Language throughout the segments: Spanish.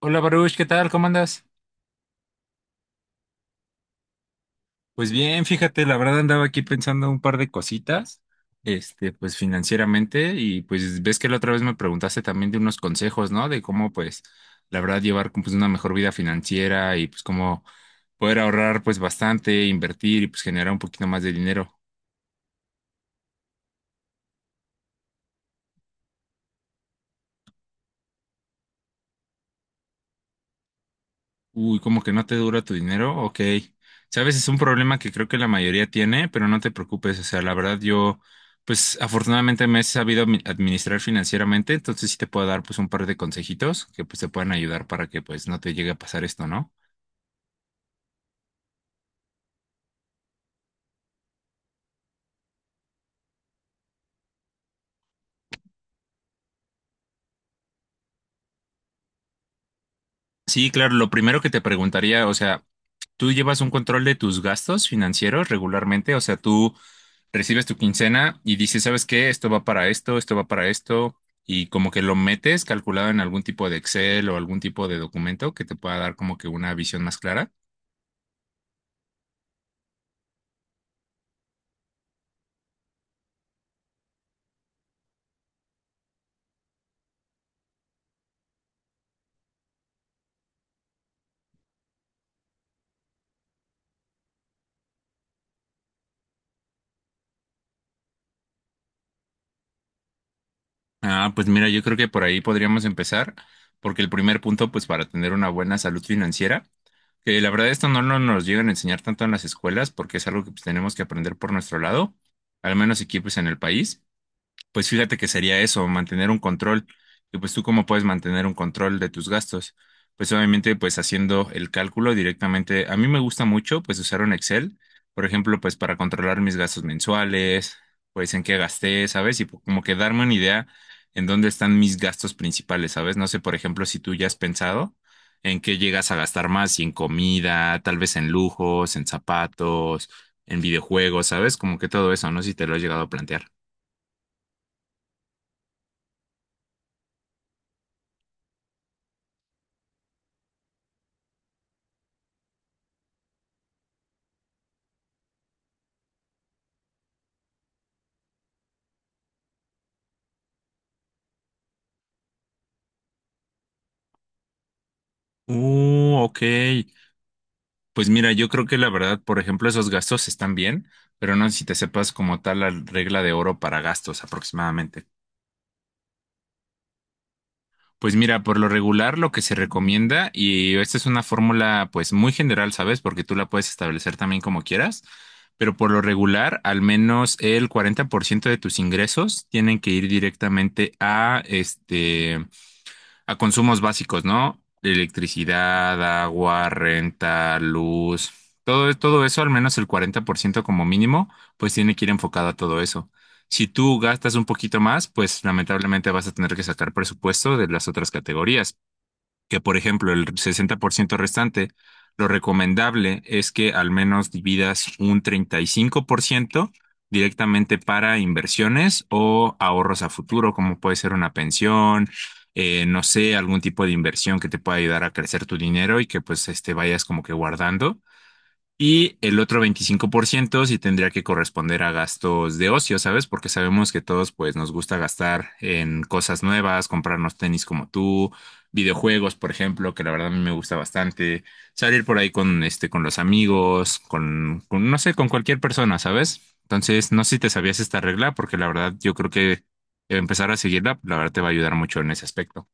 Hola Baruch, ¿qué tal? ¿Cómo andas? Pues bien, fíjate, la verdad andaba aquí pensando un par de cositas, pues financieramente, y pues ves que la otra vez me preguntaste también de unos consejos, ¿no? De cómo, pues, la verdad, llevar como, pues, una mejor vida financiera y pues cómo poder ahorrar pues bastante, invertir y pues generar un poquito más de dinero. Uy, ¿como que no te dura tu dinero? Ok. Sabes, es un problema que creo que la mayoría tiene, pero no te preocupes. O sea, la verdad yo, pues afortunadamente me he sabido administrar financieramente, entonces sí te puedo dar pues un par de consejitos que pues te puedan ayudar para que pues no te llegue a pasar esto, ¿no? Sí, claro, lo primero que te preguntaría, o sea, ¿tú llevas un control de tus gastos financieros regularmente? O sea, tú recibes tu quincena y dices, ¿sabes qué? Esto va para esto, esto va para esto, y como que lo metes calculado en algún tipo de Excel o algún tipo de documento que te pueda dar como que una visión más clara. Ah, pues mira, yo creo que por ahí podríamos empezar, porque el primer punto, pues para tener una buena salud financiera, que la verdad esto no nos llegan a enseñar tanto en las escuelas, porque es algo que pues, tenemos que aprender por nuestro lado, al menos aquí pues en el país. Pues fíjate que sería eso, mantener un control. Y pues tú cómo puedes mantener un control de tus gastos. Pues obviamente pues haciendo el cálculo directamente. A mí me gusta mucho pues usar un Excel, por ejemplo, pues para controlar mis gastos mensuales, pues en qué gasté, ¿sabes? Y como que darme una idea en dónde están mis gastos principales, ¿sabes? No sé, por ejemplo, si tú ya has pensado en qué llegas a gastar más, si en comida, tal vez en lujos, en zapatos, en videojuegos, ¿sabes? Como que todo eso, no sé si te lo has llegado a plantear. Ok. Pues mira, yo creo que la verdad, por ejemplo, esos gastos están bien, pero no sé si te sepas como tal la regla de oro para gastos aproximadamente. Pues mira, por lo regular lo que se recomienda, y esta es una fórmula pues muy general, ¿sabes? Porque tú la puedes establecer también como quieras, pero por lo regular, al menos el 40% de tus ingresos tienen que ir directamente a a consumos básicos, ¿no? Electricidad, agua, renta, luz, todo eso, al menos el 40% como mínimo, pues tiene que ir enfocado a todo eso. Si tú gastas un poquito más, pues lamentablemente vas a tener que sacar presupuesto de las otras categorías que por ejemplo el 60% restante, lo recomendable es que al menos dividas un 35% directamente para inversiones o ahorros a futuro, como puede ser una pensión, no sé, algún tipo de inversión que te pueda ayudar a crecer tu dinero y que pues vayas como que guardando. Y el otro 25% sí tendría que corresponder a gastos de ocio, ¿sabes? Porque sabemos que todos pues nos gusta gastar en cosas nuevas, comprarnos tenis como tú, videojuegos, por ejemplo, que la verdad a mí me gusta bastante, salir por ahí con con los amigos, con no sé, con cualquier persona, ¿sabes? Entonces, no sé si te sabías esta regla porque la verdad yo creo que empezar a seguirla, la verdad te va a ayudar mucho en ese aspecto.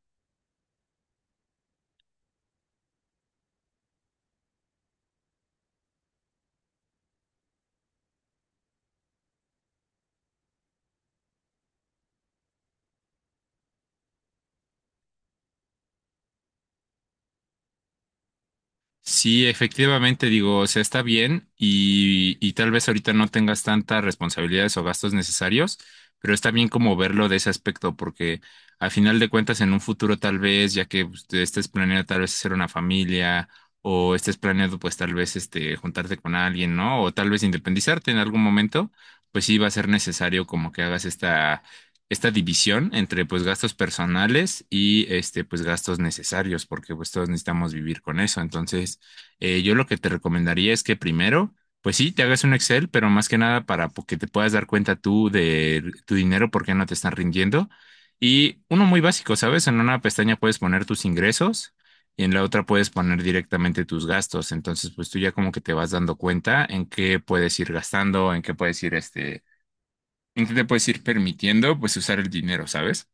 Sí, efectivamente, digo, o sea, está bien y tal vez ahorita no tengas tantas responsabilidades o gastos necesarios, pero está bien como verlo de ese aspecto, porque al final de cuentas en un futuro tal vez, ya que pues, te estés planeando tal vez hacer una familia o estés planeando pues tal vez juntarte con alguien, ¿no? O tal vez independizarte en algún momento, pues sí va a ser necesario como que hagas esta división entre pues gastos personales y pues gastos necesarios, porque pues todos necesitamos vivir con eso. Entonces, yo lo que te recomendaría es que primero, pues sí, te hagas un Excel, pero más que nada para que te puedas dar cuenta tú de tu dinero, por qué no te están rindiendo. Y uno muy básico, ¿sabes? En una pestaña puedes poner tus ingresos y en la otra puedes poner directamente tus gastos. Entonces, pues tú ya como que te vas dando cuenta en qué puedes ir gastando, en qué puedes ir entonces te puedes ir permitiendo pues usar el dinero, ¿sabes?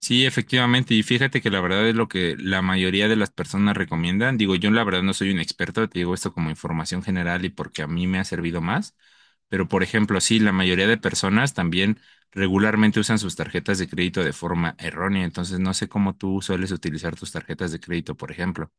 Sí, efectivamente. Y fíjate que la verdad es lo que la mayoría de las personas recomiendan. Digo, yo la verdad no soy un experto, te digo esto como información general y porque a mí me ha servido más. Pero, por ejemplo, sí, la mayoría de personas también regularmente usan sus tarjetas de crédito de forma errónea. Entonces, no sé cómo tú sueles utilizar tus tarjetas de crédito, por ejemplo.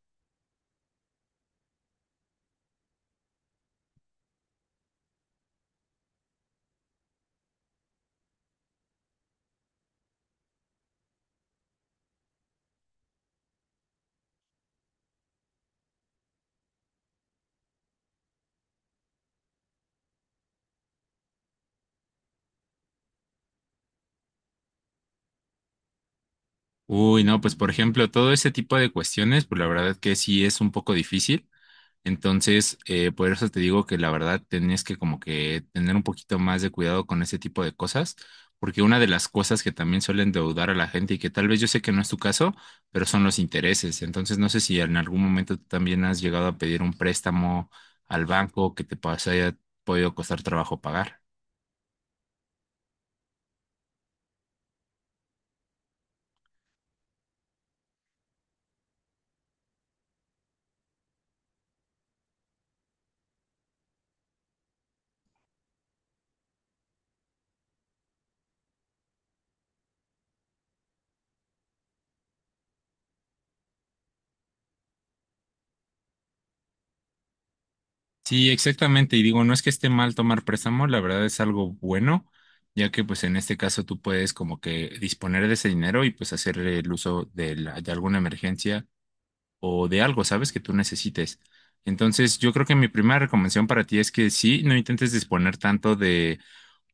Uy, no, pues, por ejemplo, todo ese tipo de cuestiones, pues la verdad que sí es un poco difícil. Entonces, por eso te digo que la verdad tenés que como que tener un poquito más de cuidado con ese tipo de cosas, porque una de las cosas que también suelen deudar a la gente y que tal vez yo sé que no es tu caso, pero son los intereses. Entonces, no sé si en algún momento tú también has llegado a pedir un préstamo al banco que te haya podido costar trabajo pagar. Sí, exactamente. Y digo, no es que esté mal tomar préstamo, la verdad es algo bueno, ya que pues en este caso tú puedes como que disponer de ese dinero y pues hacer el uso de alguna emergencia o de algo, ¿sabes? Que tú necesites. Entonces, yo creo que mi primera recomendación para ti es que sí, no intentes disponer tanto de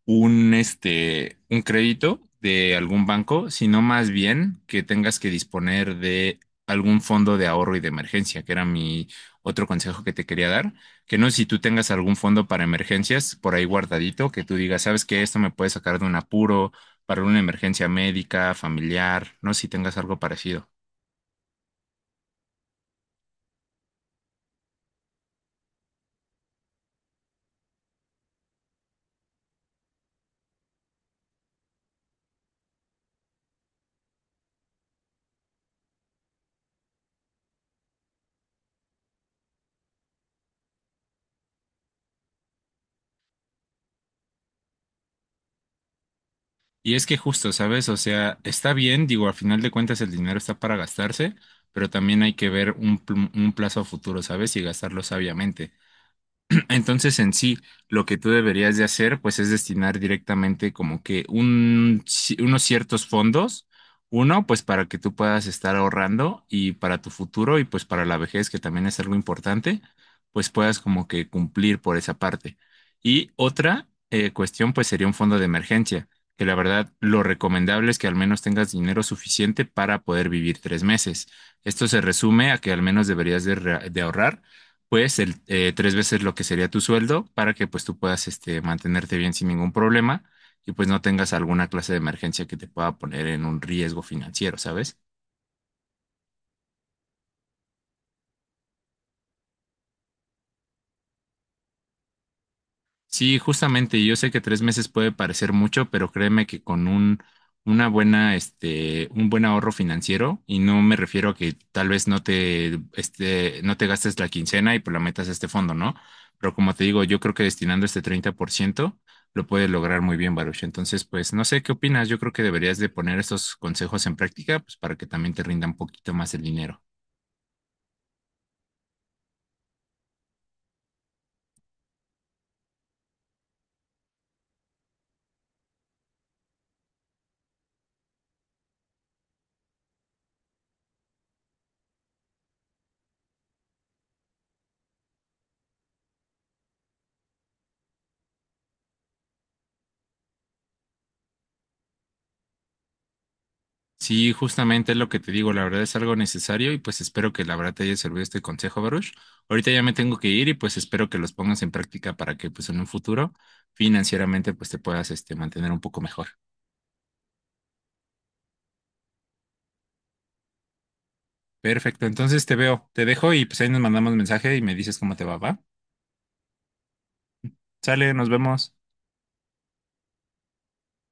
un crédito de algún banco, sino más bien que tengas que disponer de algún fondo de ahorro y de emergencia, que era mi otro consejo que te quería dar, que no sé si tú tengas algún fondo para emergencias por ahí guardadito, que tú digas, sabes que esto me puede sacar de un apuro para una emergencia médica, familiar, no sé si tengas algo parecido. Y es que justo, ¿sabes? O sea, está bien, digo, al final de cuentas el dinero está para gastarse, pero también hay que ver un plazo a futuro, ¿sabes? Y gastarlo sabiamente. Entonces, en sí, lo que tú deberías de hacer, pues, es destinar directamente como que unos ciertos fondos, uno, pues, para que tú puedas estar ahorrando y para tu futuro y pues para la vejez, que también es algo importante, pues puedas como que cumplir por esa parte. Y otra cuestión, pues, sería un fondo de emergencia, que la verdad, lo recomendable es que al menos tengas dinero suficiente para poder vivir 3 meses. Esto se resume a que al menos deberías de de ahorrar pues 3 veces lo que sería tu sueldo para que pues tú puedas mantenerte bien sin ningún problema y pues no tengas alguna clase de emergencia que te pueda poner en un riesgo financiero, ¿sabes? Sí, justamente, yo sé que 3 meses puede parecer mucho, pero créeme que con una buena, un buen ahorro financiero, y no me refiero a que tal vez no no te gastes la quincena y pues la metas a este fondo, ¿no? Pero como te digo, yo creo que destinando este 30% lo puedes lograr muy bien, Baruch. Entonces, pues no sé qué opinas, yo creo que deberías de poner estos consejos en práctica, pues para que también te rinda un poquito más el dinero. Sí, justamente es lo que te digo, la verdad es algo necesario y pues espero que la verdad te haya servido este consejo, Baruch. Ahorita ya me tengo que ir y pues espero que los pongas en práctica para que pues en un futuro financieramente pues te puedas mantener un poco mejor. Perfecto, entonces te veo, te dejo y pues ahí nos mandamos mensaje y me dices cómo te va, ¿va? Sale, nos vemos.